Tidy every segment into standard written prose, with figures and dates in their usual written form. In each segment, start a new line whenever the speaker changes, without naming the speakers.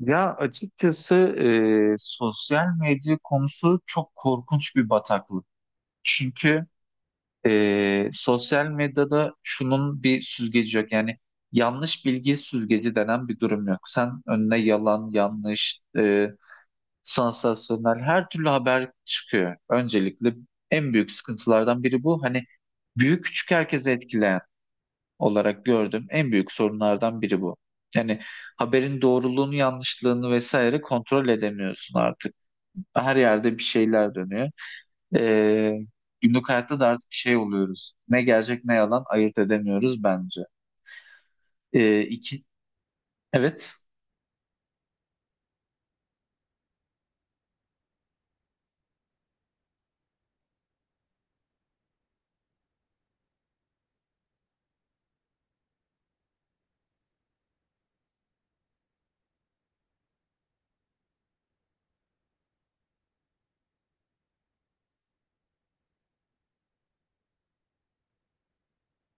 Ya, açıkçası, sosyal medya konusu çok korkunç bir bataklık. Çünkü sosyal medyada şunun bir süzgeci yok. Yani yanlış bilgi süzgeci denen bir durum yok. Sen önüne yalan, yanlış, sansasyonel her türlü haber çıkıyor. Öncelikle en büyük sıkıntılardan biri bu. Hani büyük küçük herkese etkileyen olarak gördüğüm en büyük sorunlardan biri bu. Yani haberin doğruluğunu, yanlışlığını vesaire kontrol edemiyorsun artık. Her yerde bir şeyler dönüyor. Ee, Günlük hayatta da artık şey oluyoruz. Ne gerçek ne yalan ayırt edemiyoruz bence. İki, evet,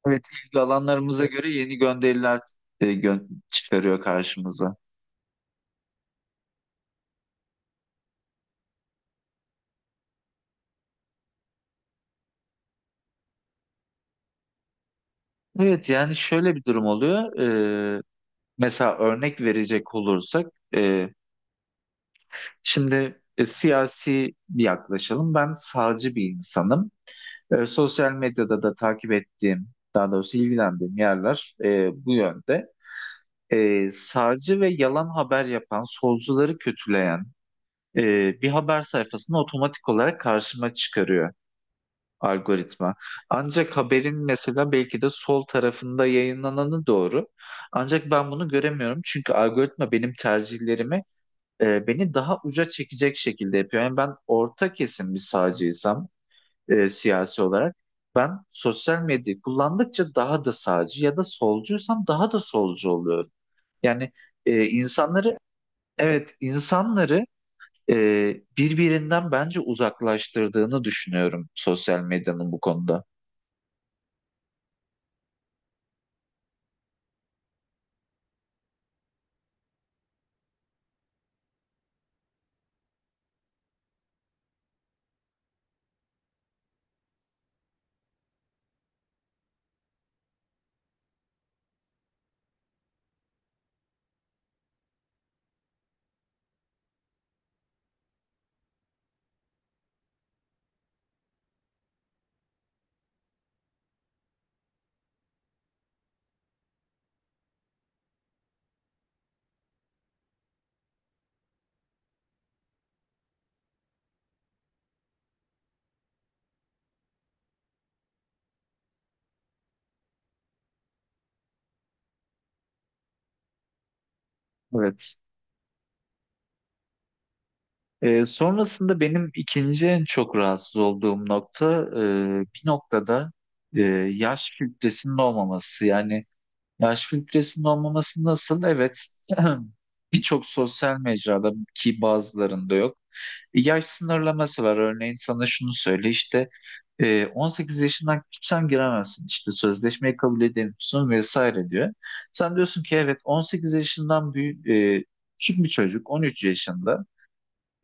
evet, ilgi alanlarımıza göre yeni gönderiler çıkarıyor karşımıza. Evet, yani şöyle bir durum oluyor. Ee, Mesela örnek verecek olursak, e, Şimdi siyasi yaklaşalım. Ben sağcı bir insanım. Sosyal medyada da takip ettiğim, daha doğrusu ilgilendiğim yerler bu yönde. Sağcı ve yalan haber yapan, solcuları kötüleyen e, bir haber sayfasını otomatik olarak karşıma çıkarıyor algoritma. Ancak haberin mesela belki de sol tarafında yayınlananı doğru. Ancak ben bunu göremiyorum çünkü algoritma benim tercihlerimi, beni daha uca çekecek şekilde yapıyor. Yani ben orta kesim bir sağcıysam, siyasi olarak ben sosyal medyayı kullandıkça daha da sağcı ya da solcuysam daha da solcu oluyorum. Yani insanları, evet, insanları e, birbirinden bence uzaklaştırdığını düşünüyorum sosyal medyanın bu konuda. Evet. Sonrasında benim ikinci en çok rahatsız olduğum nokta e, bir noktada yaş filtresinin olmaması. Yani yaş filtresinin olmaması nasıl? Evet. Birçok sosyal mecrada ki bazılarında yok. Yaş sınırlaması var. Örneğin sana şunu söyle işte 18 yaşından küçüksen giremezsin. İşte sözleşmeyi kabul edemiyorsun vesaire diyor. Sen diyorsun ki evet 18 yaşından büyük, küçük bir çocuk 13 yaşında,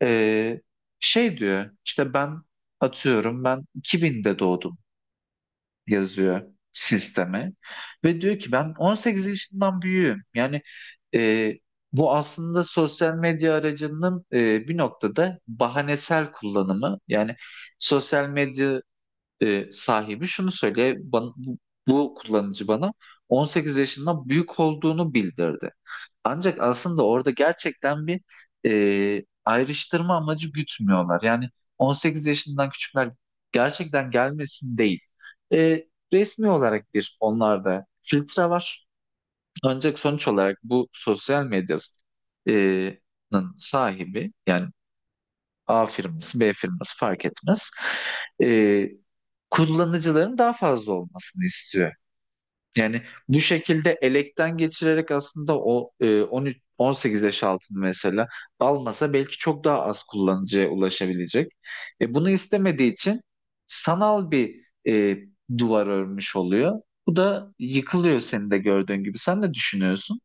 e, şey diyor işte, ben atıyorum ben 2000'de doğdum yazıyor sisteme ve diyor ki ben 18 yaşından büyüğüm. Yani e, bu aslında sosyal medya aracının bir noktada bahanesel kullanımı. Yani sosyal medya sahibi şunu söyle bana, bu kullanıcı bana 18 yaşından büyük olduğunu bildirdi. Ancak aslında orada gerçekten bir ayrıştırma amacı gütmüyorlar. Yani 18 yaşından küçükler gerçekten gelmesin değil. E, Resmi olarak bir onlarda filtre var. Ancak sonuç olarak bu sosyal medyanın sahibi, yani A firması, B firması fark etmez. Ee, Kullanıcıların daha fazla olmasını istiyor. Yani bu şekilde elekten geçirerek aslında o 13 18 yaş altını mesela almasa belki çok daha az kullanıcıya ulaşabilecek. Bunu istemediği için sanal bir duvar örmüş oluyor. Bu da yıkılıyor senin de gördüğün gibi. Sen ne düşünüyorsun?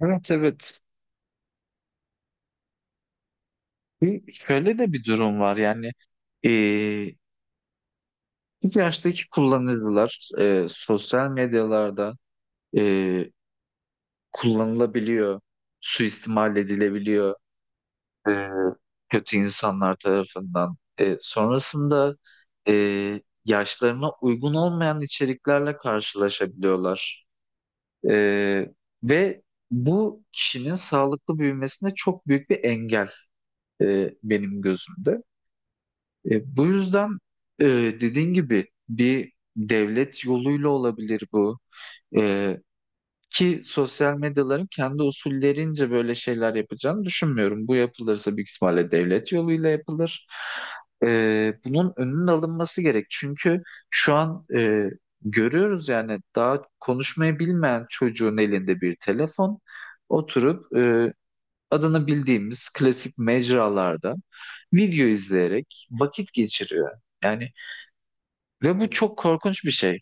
Evet, evet. Şöyle de bir durum var yani. e, Bu yaştaki kullanıcılar sosyal medyalarda e, kullanılabiliyor, suistimal edilebiliyor e, kötü insanlar tarafından. Sonrasında yaşlarına uygun olmayan içeriklerle karşılaşabiliyorlar. E, ve bu kişinin sağlıklı büyümesine çok büyük bir engel benim gözümde. Bu yüzden e, dediğin gibi bir devlet yoluyla olabilir bu. Ee, Ki sosyal medyaların kendi usullerince böyle şeyler yapacağını düşünmüyorum. Bu yapılırsa büyük ihtimalle devlet yoluyla yapılır. Bunun önünün alınması gerek. Çünkü şu an görüyoruz yani daha konuşmayı bilmeyen çocuğun elinde bir telefon oturup adını bildiğimiz klasik mecralarda video izleyerek vakit geçiriyor. Yani ve bu çok korkunç bir şey.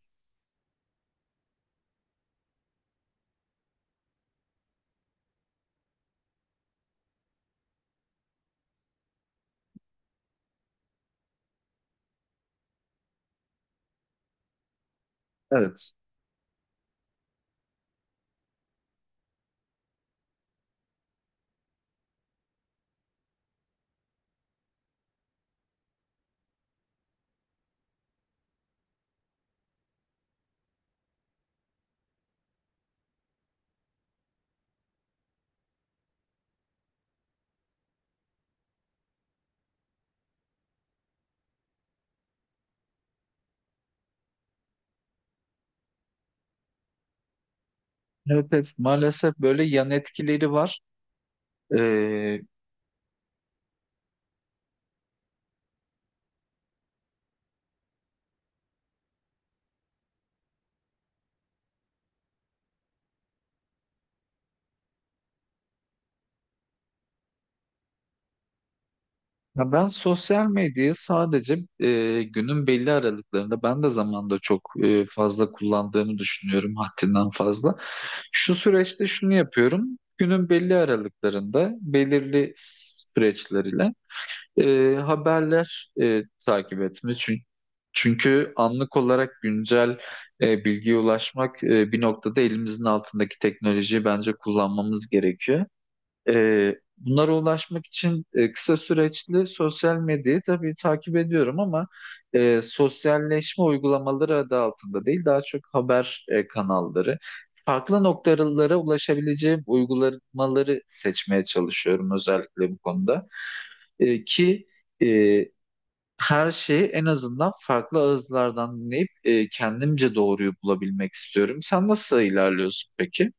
Evet. Evet, evet. Maalesef böyle yan etkileri var. Ee, Ya ben sosyal medyayı sadece günün belli aralıklarında ben de zamanda çok fazla kullandığımı düşünüyorum, haddinden fazla. Şu süreçte şunu yapıyorum. Günün belli aralıklarında belirli süreçleriyle haberler takip etme. Çünkü, anlık olarak güncel bilgiye ulaşmak bir noktada elimizin altındaki teknolojiyi bence kullanmamız gerekiyor. Bunlara ulaşmak için kısa süreçli sosyal medyayı tabii takip ediyorum ama sosyalleşme uygulamaları adı altında değil, daha çok haber kanalları. Farklı noktalara ulaşabileceğim uygulamaları seçmeye çalışıyorum özellikle bu konuda. Ki e, her şeyi en azından farklı ağızlardan dinleyip kendimce doğruyu bulabilmek istiyorum. Sen nasıl ilerliyorsun peki?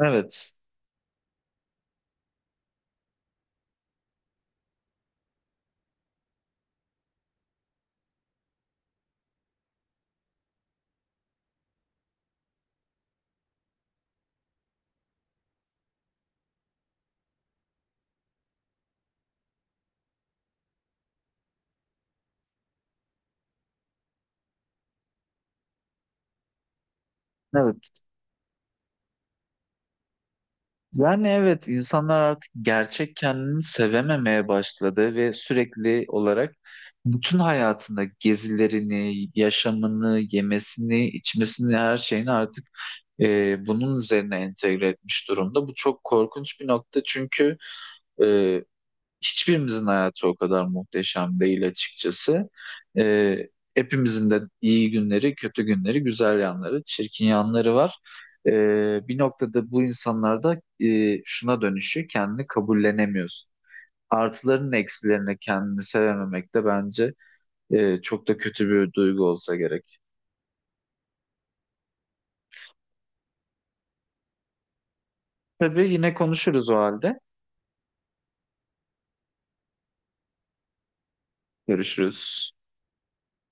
Evet. Evet. Yani evet, insanlar artık gerçek kendini sevememeye başladı ve sürekli olarak bütün hayatında gezilerini, yaşamını, yemesini, içmesini, her şeyini artık bunun üzerine entegre etmiş durumda. Bu çok korkunç bir nokta çünkü hiçbirimizin hayatı o kadar muhteşem değil açıkçası. Ee, Hepimizin de iyi günleri, kötü günleri, güzel yanları, çirkin yanları var. Bir noktada bu insanlarda şuna dönüşüyor, kendini kabullenemiyorsun. Artıların eksilerine kendini sevememek de bence çok da kötü bir duygu olsa gerek. Tabii yine konuşuruz o halde. Görüşürüz.